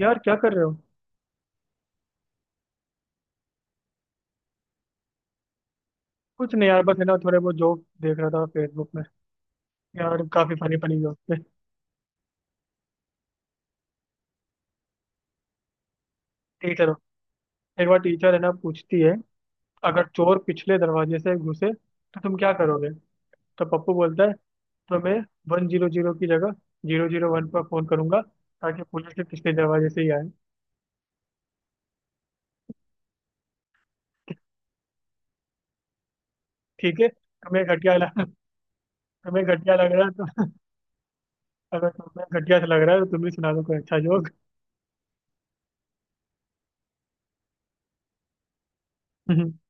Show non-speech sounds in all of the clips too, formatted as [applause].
यार क्या कर रहे हो। कुछ नहीं यार बस है ना थोड़े बहुत जोक देख रहा था फेसबुक में। यार काफी फनी फनी जोक थे। टीचर हो। एक बार टीचर है ना पूछती है, अगर चोर पिछले दरवाजे से घुसे तो तुम क्या करोगे। तो पप्पू बोलता है, तो मैं 100 की जगह 001 पर फोन करूंगा ताकि पुलिस के पिछले दरवाजे से ही आए। ठीक है तुम्हें घटिया लग [laughs] तुम्हें घटिया लग रहा है तो। अगर तुम्हें घटिया से लग रहा है तो तुम भी सुना दो कोई अच्छा जोक। [laughs]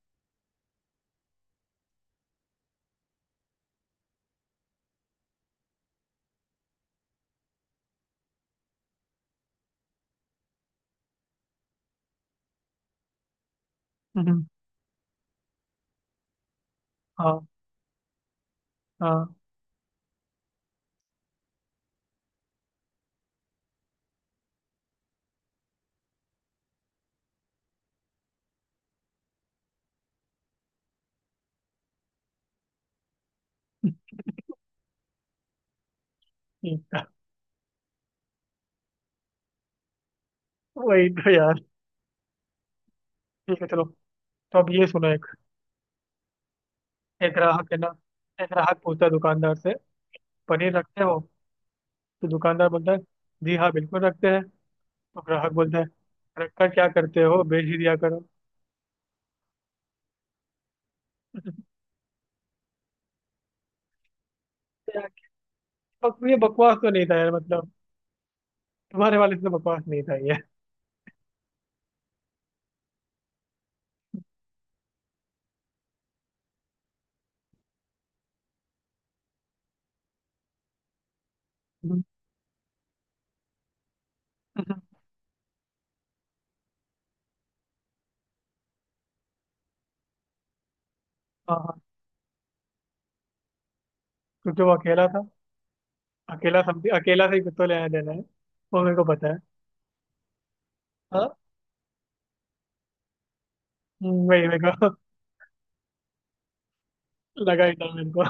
हाँ, हाँ, ठीक था। वही तो यार। ठीक है चलो, तो अब ये सुनो एक। एक ग्राहक है ना, एक ग्राहक पूछता है दुकानदार से, पनीर रखते हो। तो दुकानदार बोलता है, जी हाँ बिल्कुल रखते हैं। तो ग्राहक बोलता है, रखकर क्या करते हो बेच ही दिया करो। [laughs] तो यार, ये बकवास तो नहीं था यार मतलब, तुम्हारे वाले से तो बकवास नहीं था ये। [laughs] हाँ, हाँ, क्योंकि वो अकेला था। अकेला समथिंग अकेला से ही कुछ तो लेना देना है, वो मेरे को पता है। हाँ। वही मेरे को [laughs] लगा ही था मेरे को।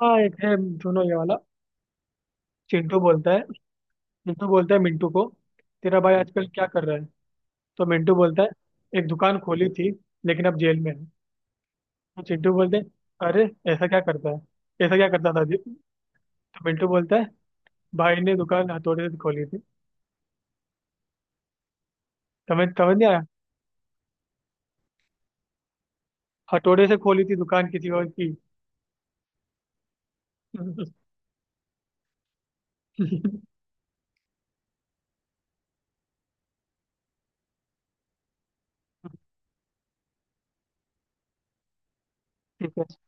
हाँ एक है सुनो ये वाला। चिंटू बोलता है, चिंटू बोलता है मिंटू को, तेरा भाई आजकल क्या कर रहा है। तो मिंटू बोलता है, एक दुकान खोली थी लेकिन अब जेल में है। तो चिंटू बोलते हैं, अरे ऐसा क्या करता है, ऐसा क्या करता था जी? तो मिंटू बोलता है, भाई ने दुकान हथौड़े से खोली थी। समझ समझ नहीं आया। हथौड़े से खोली थी दुकान किसी और की। ठीक है।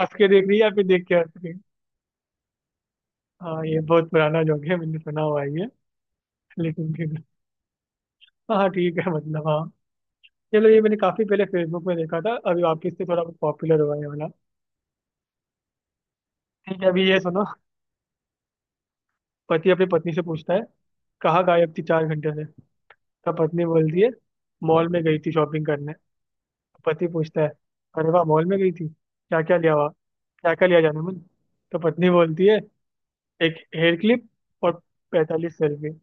हंस के देख रही है या फिर देख के हंस रही है? हाँ ये बहुत पुराना जोक है मैंने सुना हुआ है ये। लेकिन फिर हाँ ठीक है मतलब हाँ। चलो ये मैंने काफी पहले फेसबुक में देखा था अभी वापस से थोड़ा पॉपुलर हुआ है ये वाला। ठीक है अभी ये सुनो। पति अपनी पत्नी से पूछता है, कहाँ गायब थी चार घंटे से। तब पत्नी बोलती है, मॉल में गई थी शॉपिंग करने। तो पति पूछता है, अरे वाह मॉल में गई थी क्या क्या लिया हुआ, क्या क्या लिया जाने मन। तो पत्नी बोलती है, एक हेयर क्लिप और 45 सेल्फी।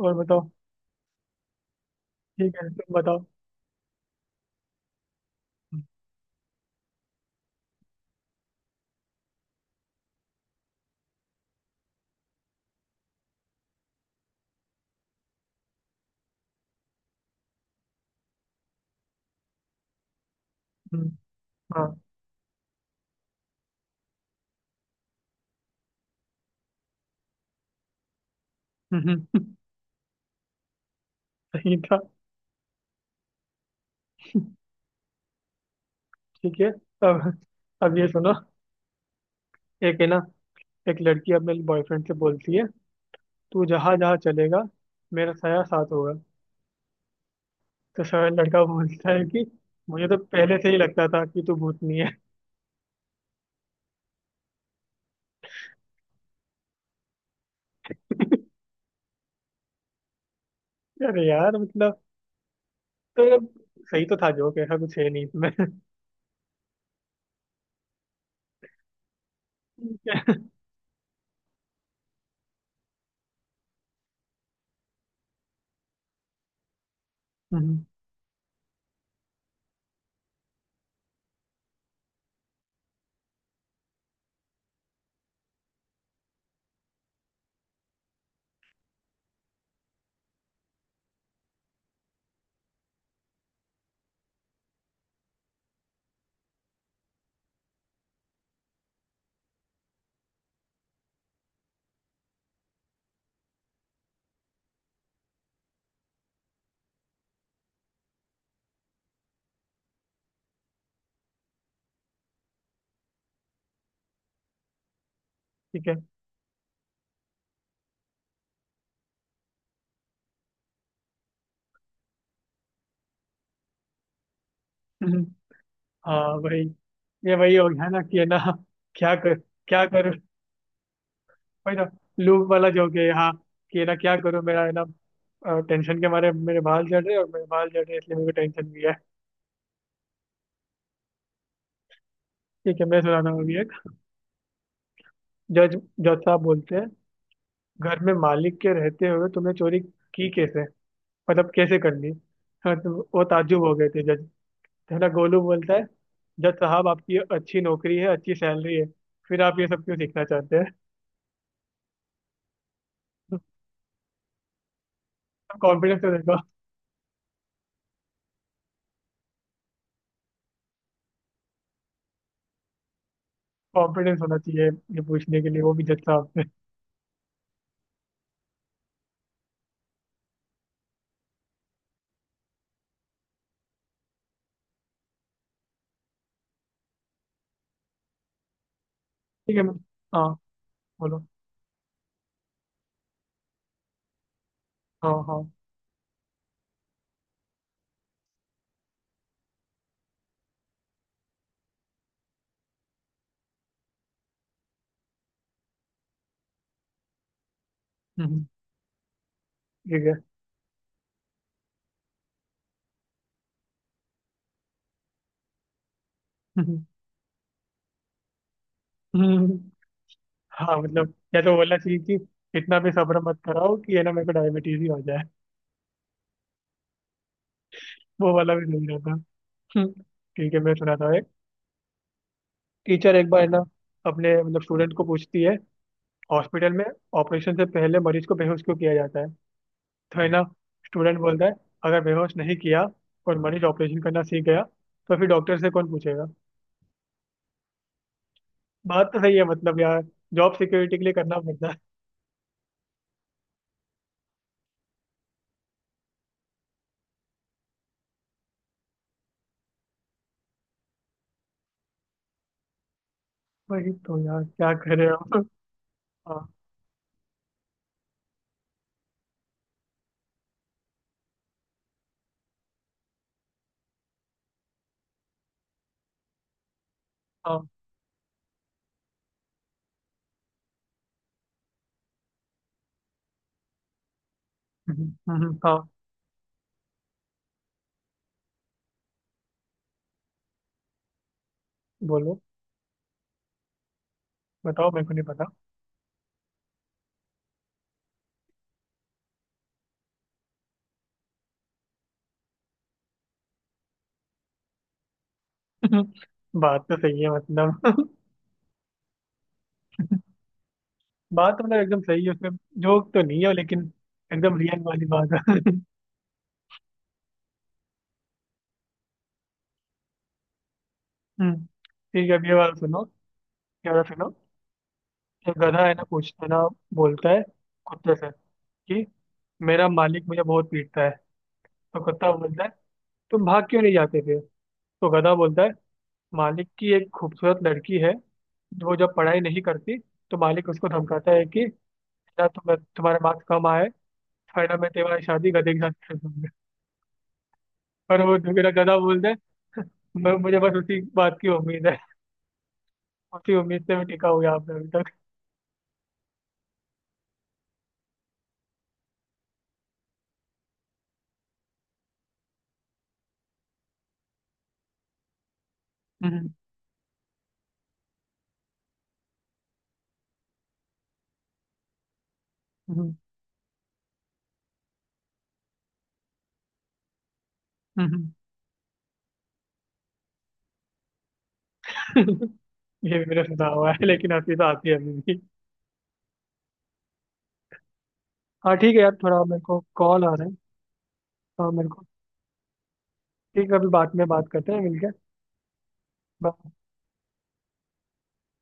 और बताओ। ठीक है तुम बताओ। हम्म, हाँ। हम्म, हम्म, सही था। ठीक है। अब अब ये सुनो। एक है ना, एक लड़की अपने बॉयफ्रेंड से बोलती है, तू जहाँ जहाँ चलेगा मेरा साया साथ होगा। तो सर लड़का बोलता है कि मुझे तो पहले से ही लगता था कि तू भूतनी है। [laughs] अरे यार मतलब तो ये सही तो था जोक, ऐसा कुछ है नहीं इसमें। ठीक है। हम्म, ठीक है। हम्म, हाँ वही, ये वही हो गया ना कि है ना क्या कर, क्या करूँ। वही ना, लूप वाला जोक है हाँ, कि है ना क्या करूँ मेरा, है ना टेंशन के मारे मेरे बाल झड़ रहे हैं और मेरे बाल झड़ रहे हैं इसलिए मेरे को टेंशन भी है। ठीक है मैं सुनाता हूँ अभी एक। जज, जज साहब बोलते हैं, घर में मालिक के रहते हुए तुमने चोरी की कैसे, मतलब कैसे कर ली। हाँ तो वो ताज्जुब हो गए थे जज। तो ना गोलू बोलता है, जज साहब आपकी अच्छी नौकरी है अच्छी सैलरी है फिर आप ये सब क्यों सीखना चाहते हैं। [laughs] कॉन्फिडेंस तो देखो। कॉन्फिडेंस होना चाहिए ये पूछने के लिए वो भी जज साहब से। ठीक है मैम। हाँ बोलो, हाँ हाँ। हम्म, ठीक है। [laughs] हम्म, हम्म, हाँ मतलब या तो बोलना चाहिए कि इतना भी सब्र मत कराओ कि ये ना मेरे को डायबिटीज ही हो जाए। वो वाला भी नहीं रहता। हम्म, [laughs] ठीक है मैं सुनाता हूँ एक। टीचर एक बार ना अपने मतलब स्टूडेंट को पूछती है, हॉस्पिटल में ऑपरेशन से पहले मरीज को बेहोश क्यों किया जाता है। तो है ना, स्टूडेंट बोलता है, अगर बेहोश नहीं किया और मरीज ऑपरेशन करना सीख गया तो फिर डॉक्टर से कौन पूछेगा। बात तो सही है मतलब यार, जॉब सिक्योरिटी के लिए करना पड़ता है। वही तो यार क्या कर रहे हो। हाँ। हाँ। हाँ बोलो, बताओ मेरे को नहीं पता। [laughs] बात तो सही है मतलब [laughs] बात तो मतलब एकदम सही है उसमें। जोक तो नहीं है लेकिन एकदम रियल वाली बात है। [laughs] ठीक है अब ये वाला सुनो। ये वाला सुनो। एक गधा है ना पूछता है ना, बोलता है कुत्ते से कि मेरा मालिक मुझे बहुत पीटता है। तो कुत्ता बोलता है, तुम भाग क्यों नहीं जाते थे। तो गधा बोलता है, मालिक की एक खूबसूरत लड़की है, वो जब पढ़ाई नहीं करती तो मालिक उसको धमकाता है कि ना तुम्हारे मार्क्स कम आए फायदा, मैं तुम्हारी शादी गधे के साथ कर दूंगा। पर वो मेरा गधा बोलता है, मैं मुझे बस उसी बात की उम्मीद है, उसी उम्मीद से मैं टिका हुआ यहाँ पे अभी तक। [laughs] हम्म, हम्म, हम्म। [laughs] ये भी मेरा सुना हुआ है लेकिन हंसी तो आती है अभी भी। हाँ ठीक है यार थोड़ा मेरे को कॉल आ रहा है और मेरे को, ठीक है अभी बाद में बात करते हैं मिलके। बाय।